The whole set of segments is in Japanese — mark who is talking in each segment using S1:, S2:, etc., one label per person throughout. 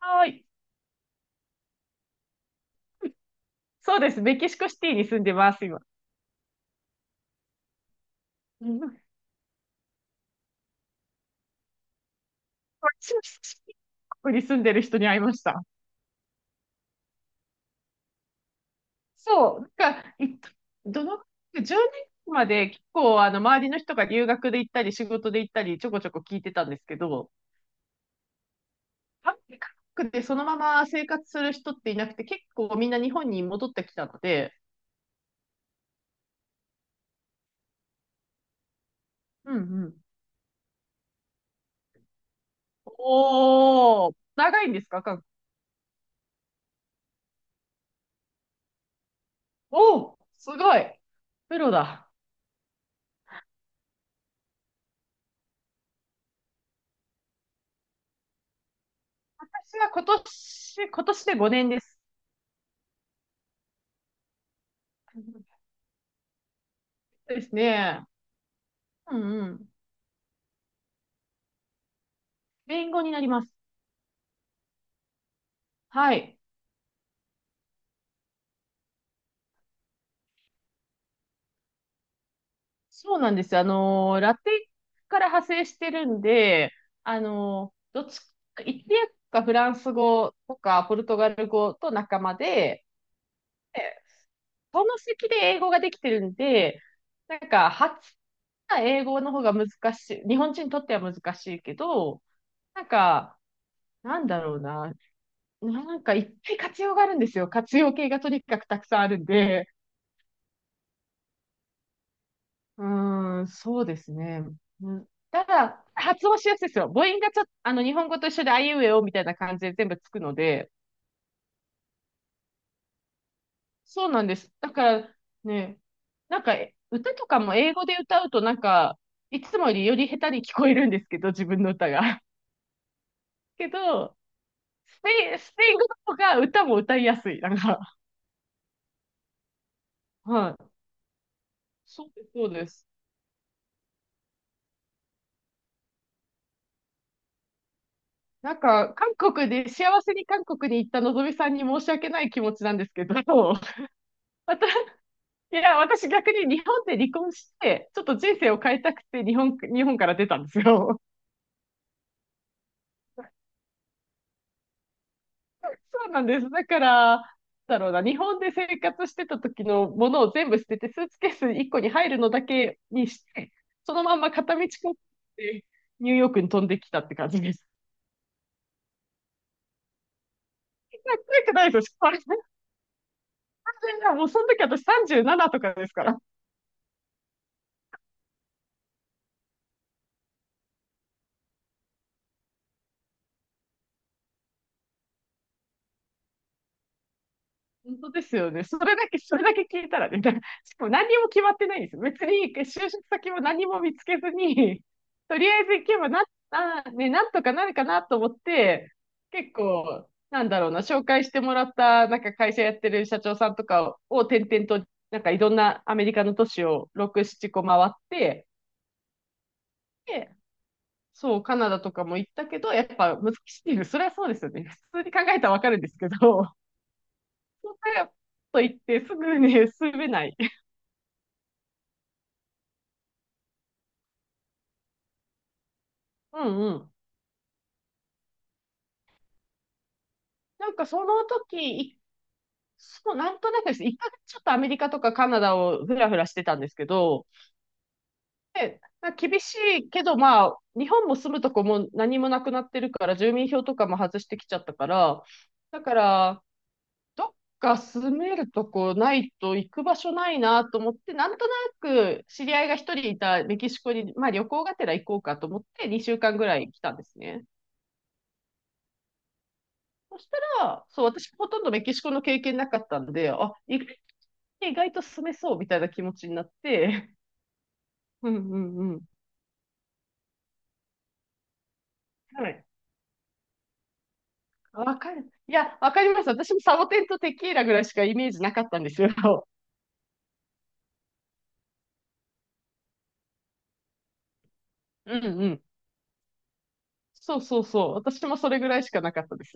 S1: はい。そうです。メキシコシティに住んでます、今。うん。こに住んでる人に会いました。そう。いどの、10年まで結構、周りの人が留学で行ったり、仕事で行ったり、ちょこちょこ聞いてたんですけど、韓国でそのまま生活する人っていなくて、結構みんな日本に戻ってきたので、うんうん。おー、長いんですか、韓国。おー、すごい。プロだ。私は今年で5年です。ですね。うんうん。弁護になります。はい。そうなんです。ラテから派生してるんで、どっちイタリアかフランス語とかポルトガル語と仲間で、で、その席で英語ができてるんで、初な英語の方が難しい。日本人にとっては難しいけど、なんか、なんだろうな。いっぱい活用があるんですよ。活用形がとにかくたくさんあるんで。うーん、そうですね。うん。ただ、発音しやすいですよ。母音がちょっと、日本語と一緒で、あいうえおみたいな感じで全部つくので、そうなんです。だからね、歌とかも英語で歌うと、いつもより下手に聞こえるんですけど、自分の歌が。けど、スペイン語とか歌も歌いやすい。なんか、はい。そうです。なんか、韓国で、幸せに韓国に行ったのぞみさんに申し訳ない気持ちなんですけど、私、いや、私逆に日本で離婚して、ちょっと人生を変えたくて日本から出たんですよ。そうなんです。だから、なんだろうな、日本で生活してた時のものを全部捨てて、スーツケース1個に入るのだけにして、そのまんま片道こってニューヨークに飛んできたって感じです。かっこよくないですよ、失敗。もうその時私37とかですから。本当ですよね。それだけ聞いたらね、だ、しかも何にも決まってないんですよ。別に就職先も何も見つけずに、とりあえず行けばな、な、ね、なんとかなるかなと思って、結構、なんだろうな、紹介してもらった、なんか会社やってる社長さんとかを転々と、なんかいろんなアメリカの都市を6、7個回って、で、そう、カナダとかも行ったけど、やっぱ難しいです。それはそうですよね。普通に考えたらわかるんですけど、そんなこと言ってすぐね、住めない。うんうん。その時、い、そう、なんとなくです。一回ちょっとアメリカとかカナダをふらふらしてたんですけど、で、まあ、厳しいけど、まあ、日本も住むとこも何もなくなってるから、住民票とかも外してきちゃったから、だから、どっか住めるとこないと行く場所ないなと思って、なんとなく知り合いが一人いたメキシコに、まあ旅行がてら行こうかと思って2週間ぐらい来たんですね。そしたら、そう、私ほとんどメキシコの経験なかったんで、あ、意、意外と住めそうみたいな気持ちになって、うんうんうん。はい。わかる。いや、わかります。私もサボテンとテキーラぐらいしかイメージなかったんですよ。うんうん。そうそうそう。私もそれぐらいしかなかったです。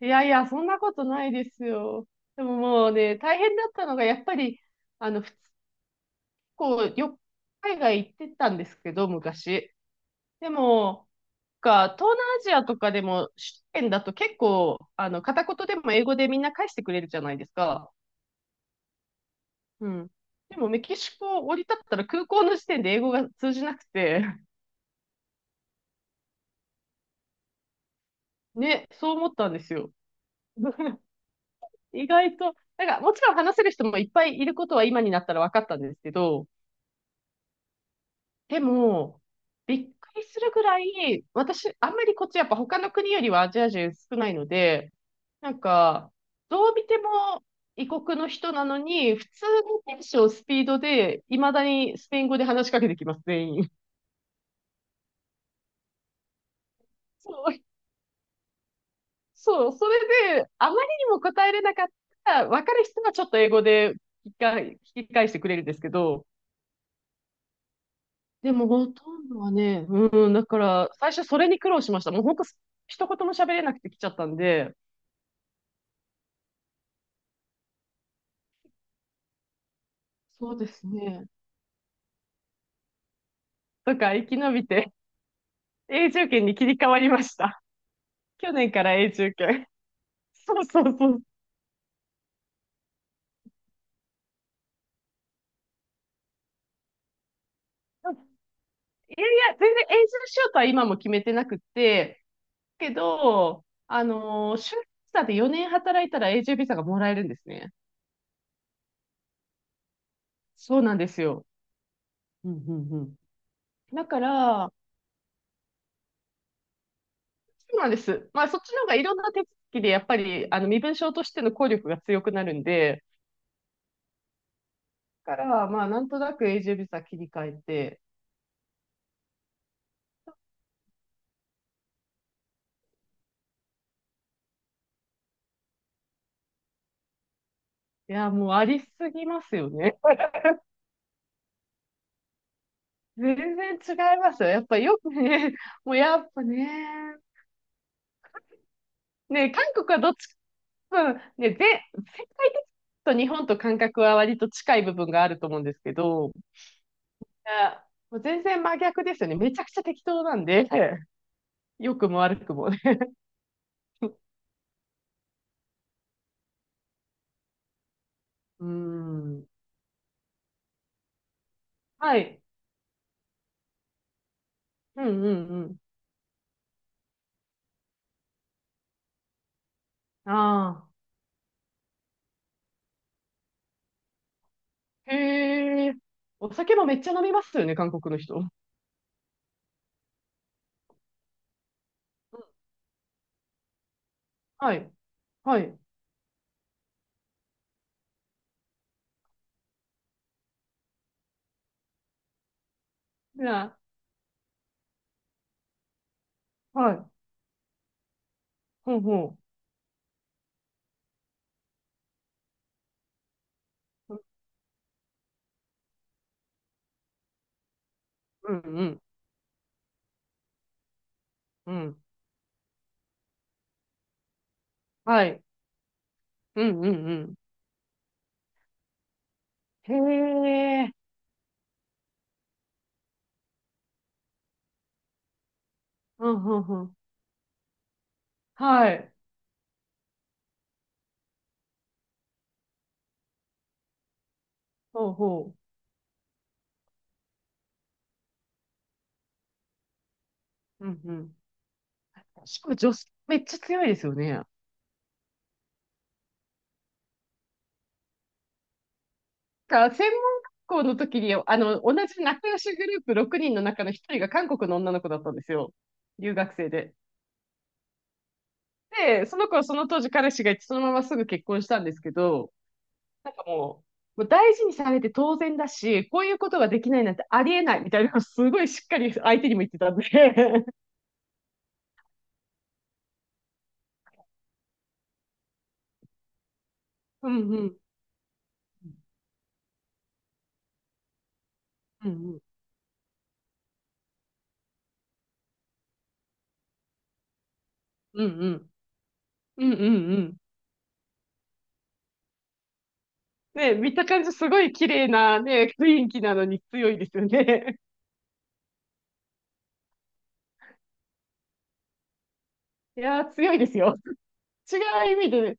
S1: いやいや、そんなことないですよ。でももうね、大変だったのが、やっぱり、ふつこう、よ、海外行ってたんですけど、昔。でも、か、東南アジアとかでも、首都圏だと結構、片言でも英語でみんな返してくれるじゃないですか。うん。でもメキシコを降り立ったら空港の時点で英語が通じなくて、ね、そう思ったんですよ。意外と、なんかもちろん話せる人もいっぱいいることは今になったら分かったんですけど、でも、びっくりするぐらい、私、あんまりこっちやっぱ他の国よりはアジア人少ないので、なんか、どう見ても異国の人なのに、普通のテンション、スピードで、いまだにスペイン語で話しかけてきます、全員。そうそう、それで、あまりにも答えれなかったら、わかる人はちょっと英語で聞きか引き返してくれるんですけど、でもほとんどはね、うん、だから、最初それに苦労しました。もう本当、一言も喋れなくて来ちゃったんで、そうですね。だから生き延びて、永住権に切り替わりました。去年から永住権。そうそうそう。いやいや、全然永住しようとは今も決めてなくて、けど、就労ビザで4年働いたら永住ビザがもらえるんですね。そうなんですよ。うんうんうん。だから、そうなんです。まあ、そっちの方がいろんな手続きで、やっぱり、身分証としての効力が強くなるんで、だから、まあ、なんとなく永住ビザ切り替えて、いや、もうありすぎますよね。全然違いますよ。やっぱよくね、もうやっぱね、ね、韓国はどっちか、ね、ぜ、世界的と日本と感覚は割と近い部分があると思うんですけど、いや、もう全然真逆ですよね。めちゃくちゃ適当なんで。良くも悪くもね。うん。はい。うんうんうん。ああ。へえ。お酒もめっちゃ飲みますよね、韓国の人。うん。はい。はい。じゃあ、はい。ほうほう。うんうんうん。はい。うんうんうん。へえ。うんうんうん。はい。ほうほう。うんうん。しかも女性めっちゃ強いですよね。専門学校の時に、同じ仲良しグループ6人の中の一人が韓国の女の子だったんですよ。留学生で。で、その子はその当時彼氏がいて、そのまますぐ結婚したんですけど、なんかもう大事にされて当然だし、こういうことができないなんてありえないみたいなのをすごいしっかり相手にも言ってたんで。うんうん。うんうん。うんうん。うんうんうん。ね、見た感じすごい綺麗なね、雰囲気なのに強いですよね。いやー、強いですよ。違う意味で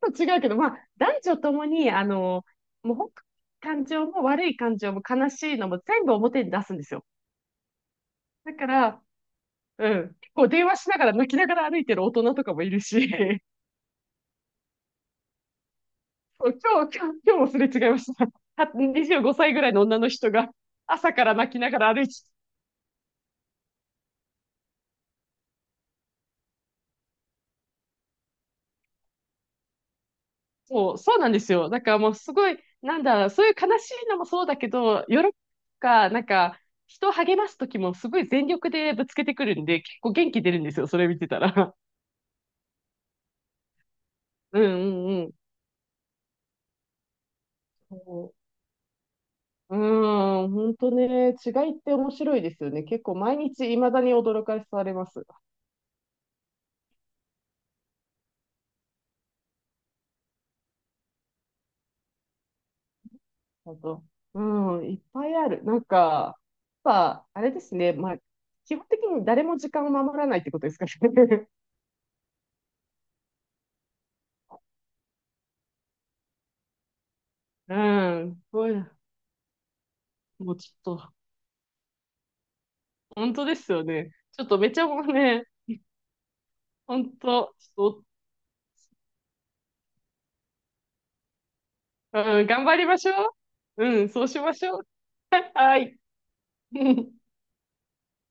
S1: と違うけど、まあ、男女ともに、もう本当に感情も悪い感情も悲しいのも全部表に出すんですよ。だから、うん、結構電話しながら泣きながら歩いてる大人とかもいるし、そう、今日もすれ違いました。は25歳ぐらいの女の人が朝から泣きながら歩いて、そう、そうなんですよ。だからもうすごい、なんだろう、そういう悲しいのもそうだけど、喜びとか、人を励ます時もすごい全力でぶつけてくるんで、結構元気出るんですよ、それ見てたら。うんうんうん。そう、うん、本当ね、違いって面白いですよね。結構毎日未だに驚かされます。本当。うん、いっぱいある。やっぱ、あれですね。まあ、基本的に誰も時間を守らないってことですかね。うん、すごい。もうちょっと、本当ですよね。ちょっとめちゃもうね、本当、ちょっと、うん、頑張りましょう。うん、そうしましょう。はい。